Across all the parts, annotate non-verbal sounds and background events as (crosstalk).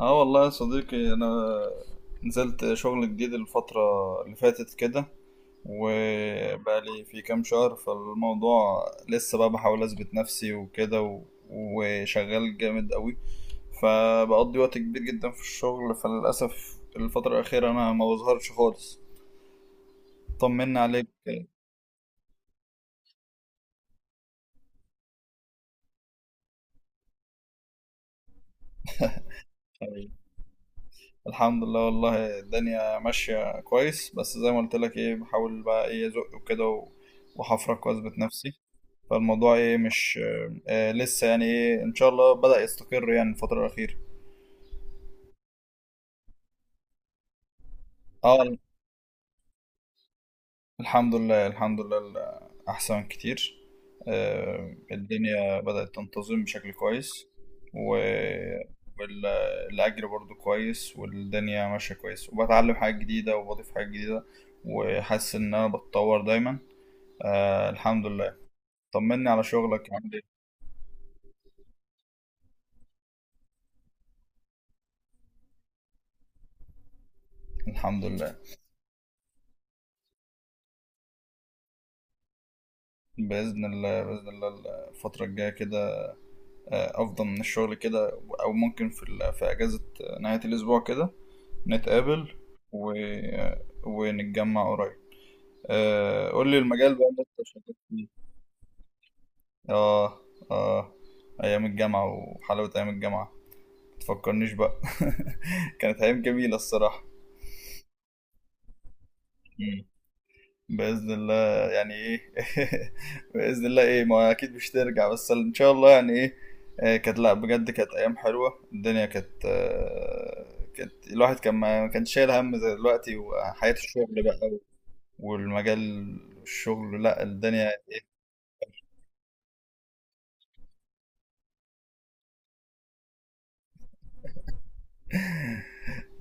اه والله يا صديقي انا نزلت شغل جديد الفترة اللي فاتت كده، وبقالي في كام شهر فالموضوع لسه بقى بحاول اثبت نفسي وكده وشغال جامد قوي، فبقضي وقت كبير جدا في الشغل، فللأسف الفترة الأخيرة أنا ما بظهرش خالص. طمنا عليك. الحمد لله والله الدنيا ماشية كويس، بس زي ما قلت لك ايه بحاول بقى ايه ازق وكده وحفرك واثبت نفسي، فالموضوع ايه مش آه لسه يعني ايه ان شاء الله بدأ يستقر يعني الفترة الأخيرة. اه الحمد لله الحمد لله احسن كتير. آه الدنيا بدأت تنتظم بشكل كويس، و والأجر برضو كويس والدنيا ماشية كويس، وبتعلم حاجات جديدة وبضيف حاجات جديدة، وحاسس إن أنا بتطور دايما. آه الحمد لله. طمني على شغلك عامل إيه؟ الحمد لله بإذن الله بإذن الله الفترة الجاية كده افضى من الشغل كده، او ممكن في في اجازة نهاية الاسبوع كده نتقابل و... ونتجمع قريب. آه، قول لي المجال بقى اللي انت شغال فيه. اه اه ايام الجامعة وحلاوة ايام الجامعة، متفكرنيش بقى. (laughs) كانت ايام جميلة الصراحة. بإذن الله يعني إيه. (laughs) بإذن الله إيه ما أكيد مش ترجع، بس إن شاء الله يعني إيه. كانت لأ بجد كانت أيام حلوة، الدنيا كانت كانت الواحد كان ما كانش شايل هم زي دلوقتي وحياة الشغل بقى، والمجال الشغل لأ الدنيا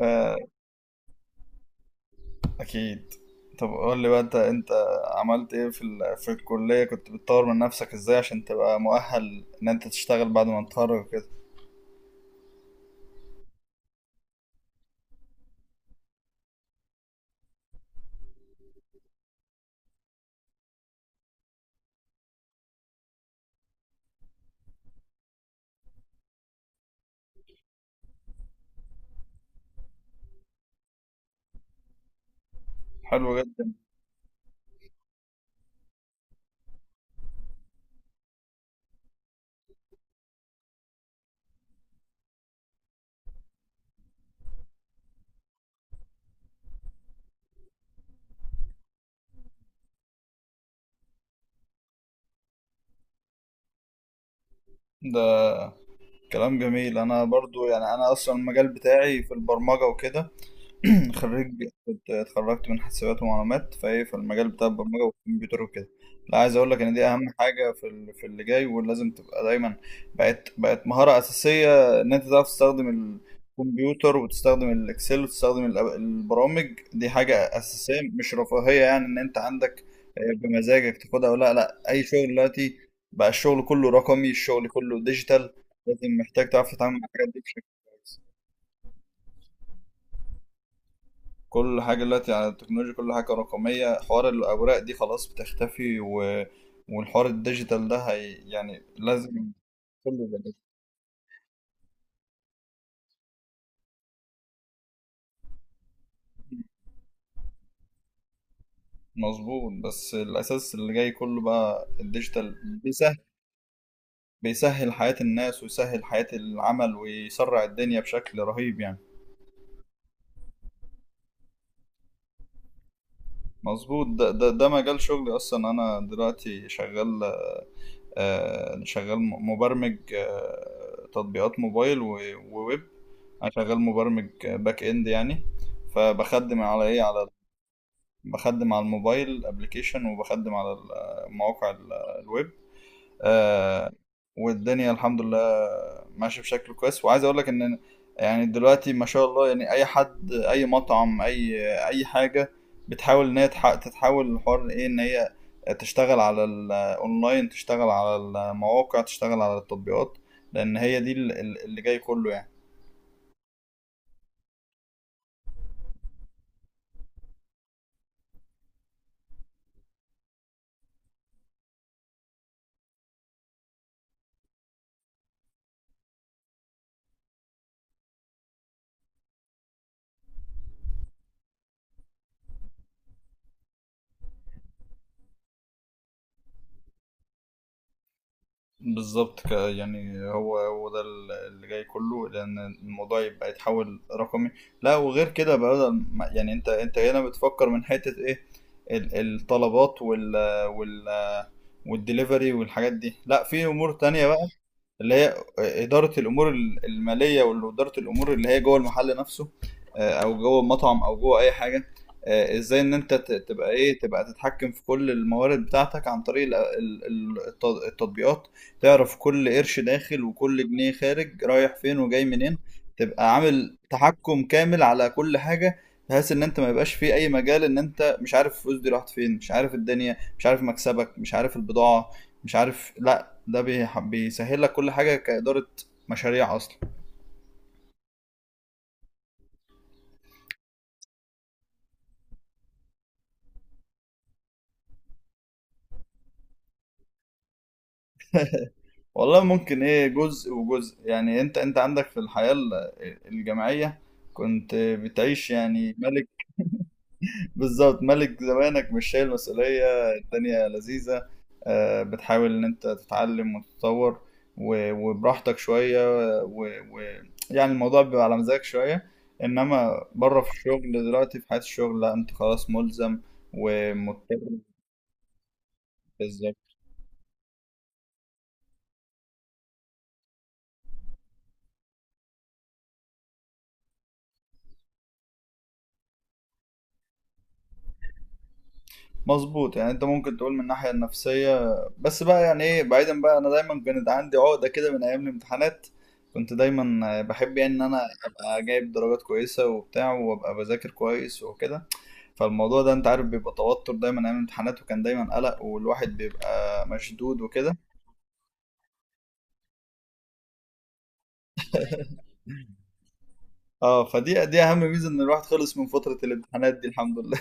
آه، أكيد. طب قول لي بقى أنت عملت إيه في في الكلية، كنت بتطور من نفسك إزاي عشان تبقى مؤهل إن أنت تشتغل بعد ما تتخرج كده. حلو جدا. ده كلام جميل. انا برضو يعني انا اصلا المجال بتاعي في البرمجة وكده. (clears throat) خريج كنت اتخرجت من حاسبات ومعلومات، فايه في المجال بتاع البرمجه والكمبيوتر وكده. لا عايز اقول لك ان دي اهم حاجه في في اللي جاي، ولازم تبقى دايما بقت مهاره اساسيه ان انت تعرف تستخدم الكمبيوتر وتستخدم الاكسل وتستخدم البرامج دي، حاجه اساسيه مش رفاهيه، يعني ان انت عندك بمزاجك تاخدها ولا لا. اي شغل دلوقتي بقى الشغل كله رقمي، الشغل كله ديجيتال، لازم محتاج تعرف تتعامل مع الحاجات دي بشكل كويس. كل حاجة دلوقتي على التكنولوجيا، كل حاجة رقمية، حوار الأوراق دي خلاص بتختفي والحوار الديجيتال ده هي يعني لازم كله يبقى ديجيتال. مظبوط، بس الأساس اللي جاي كله بقى الديجيتال، بيسهل بيسهل حياة الناس ويسهل حياة العمل ويسرع الدنيا بشكل رهيب يعني. مظبوط. ده مجال شغلي أصلا. أنا دلوقتي شغال آه شغال مبرمج آه تطبيقات موبايل وويب. انا شغال مبرمج باك اند يعني، فبخدم على ايه على بخدم على الموبايل ابلكيشن، وبخدم على مواقع الويب. آه، والدنيا الحمد لله ماشيه بشكل كويس. وعايز اقول لك ان يعني دلوقتي ما شاء الله يعني اي حد اي مطعم اي اي حاجه بتحاول ان هي تتحول الحوار ايه ان هي تشتغل على الاونلاين، تشتغل على المواقع، تشتغل على التطبيقات، لان هي دي اللي جاي كله يعني. بالظبط. يعني هو ده اللي جاي كله، لان الموضوع يبقى يتحول رقمي. لا وغير كده بقى، بدل يعني انت هنا بتفكر من حتة ايه الطلبات وال وال والدليفري والحاجات دي، لا في امور تانية بقى اللي هي إدارة الأمور المالية، وإدارة الأمور اللي هي جوه المحل نفسه، آه، أو جوه المطعم أو جوه أي حاجة. آه، إزاي إن أنت تبقى إيه تبقى تتحكم في كل الموارد بتاعتك عن طريق التطبيقات. تعرف كل قرش داخل وكل جنيه خارج رايح فين وجاي منين، تبقى عامل تحكم كامل على كل حاجة، بحيث إن أنت ما يبقاش في أي مجال إن أنت مش عارف الفلوس دي راحت فين، مش عارف الدنيا، مش عارف مكسبك، مش عارف البضاعة، مش عارف، لا ده بيسهل لك كل حاجة كإدارة مشاريع أصلا. والله ممكن إيه جزء وجزء، يعني أنت عندك في الحياة الجامعية كنت بتعيش يعني ملك. (laughs) بالظبط ملك زمانك، مش شايل مسؤولية، الدنيا لذيذة. آه، بتحاول إن أنت تتعلم وتتطور وبراحتك شوية، ويعني الموضوع بيبقى على مزاجك شوية. إنما بره في الشغل دلوقتي، في حياة الشغل لا أنت خلاص ملزم ومضطر. مظبوط. يعني انت ممكن تقول من الناحية النفسية، بس بقى يعني ايه بعيدا بقى، انا دايما كانت عندي عقدة كده من ايام الامتحانات. كنت دايما بحب يعني ان انا ابقى جايب درجات كويسة وبتاع، وابقى بذاكر كويس وكده. فالموضوع ده انت عارف بيبقى توتر دايما ايام الامتحانات، وكان دايما قلق والواحد بيبقى مشدود وكده. اه فدي دي اهم ميزة ان الواحد خلص من فترة الامتحانات دي الحمد لله.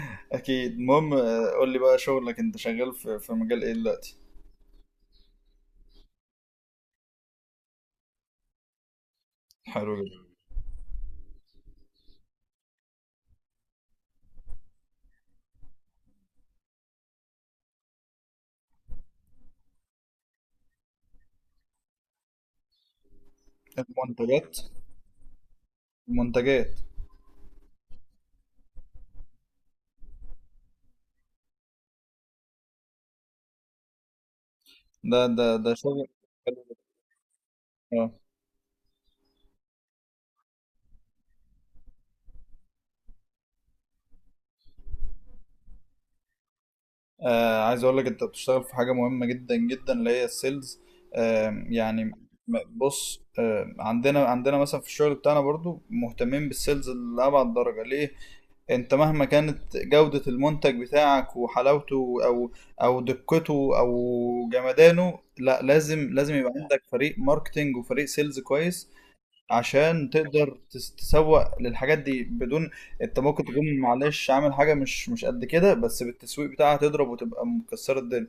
(laughs) اكيد. المهم آه، قول لي بقى شغلك انت شغال في في مجال ايه دلوقتي؟ حلو جدا. المنتجات. المنتجات. ده شغل حلو. اه آه، عايز اقول لك انت بتشتغل في حاجه مهمه جدا جدا، اللي هي السيلز. آه يعني بص آه عندنا مثلا في الشغل بتاعنا برضو مهتمين بالسيلز لابعد درجه، ليه؟ انت مهما كانت جوده المنتج بتاعك وحلاوته او او دقته او جمدانه، لا لازم لازم يبقى عندك فريق ماركتينج وفريق سيلز كويس، عشان تقدر تسوق للحاجات دي. بدون انت ممكن تكون معلش عامل حاجه مش قد كده، بس بالتسويق بتاعها تضرب وتبقى مكسره الدنيا.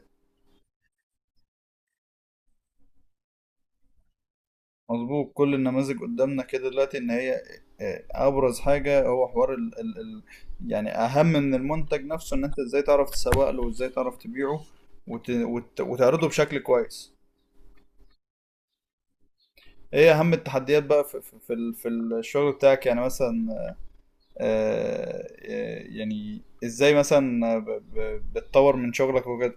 مظبوط، كل النماذج قدامنا كده دلوقتي ان هي اه، ابرز حاجه هو حوار ال يعني اهم من المنتج نفسه ان انت ازاي تعرف تسوق له، وازاي تعرف تبيعه وت وتعرضه بشكل كويس. ايه اهم التحديات بقى في في في الشغل بتاعك يعني؟ مثلا آه، آه، يعني ازاي مثلا بتطور من شغلك وكده.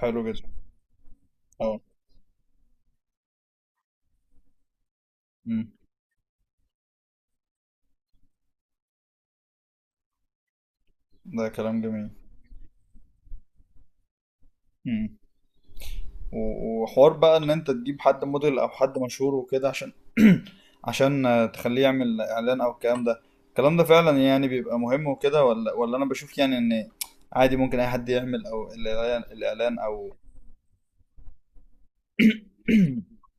حلو جدا. اه. مم. ده كلام جميل. مم. وحوار بقى ان انت تجيب حد موديل او حد مشهور وكده، عشان (clears throat) عشان آه، تخليه يعمل اعلان او الكلام ده، الكلام ده فعلا يعني بيبقى مهم وكده، ولا انا بشوف يعني ان عادي ممكن اي حد يعمل او الاعلان الإعلان او (clears throat)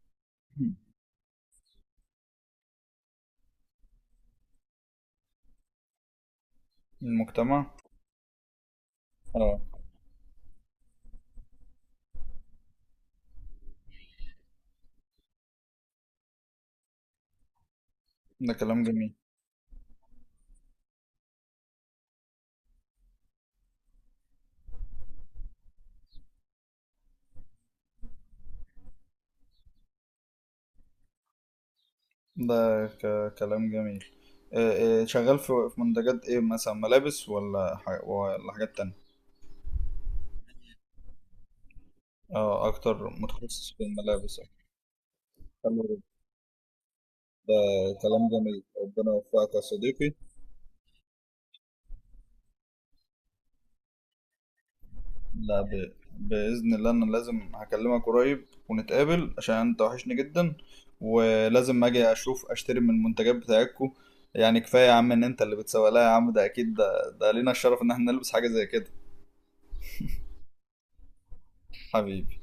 المجتمع. اه ده كلام جميل. ده كلام جميل. آه، آه، شغال في في منتجات ايه مثلا؟ ملابس ولا حاجات تانية؟ اه اكتر متخصص في الملابس. حلو. ده كلام جميل. ربنا يوفقك يا صديقي. لا بإذن الله انا لازم هكلمك قريب ونتقابل عشان انت وحشني جدا، ولازم اجي اشوف اشتري من المنتجات بتاعتكم. يعني كفاية يا عم ان انت اللي بتسوق لها يا عم، ده اكيد ده لينا الشرف ان احنا نلبس حاجة زي كده. حبيبي.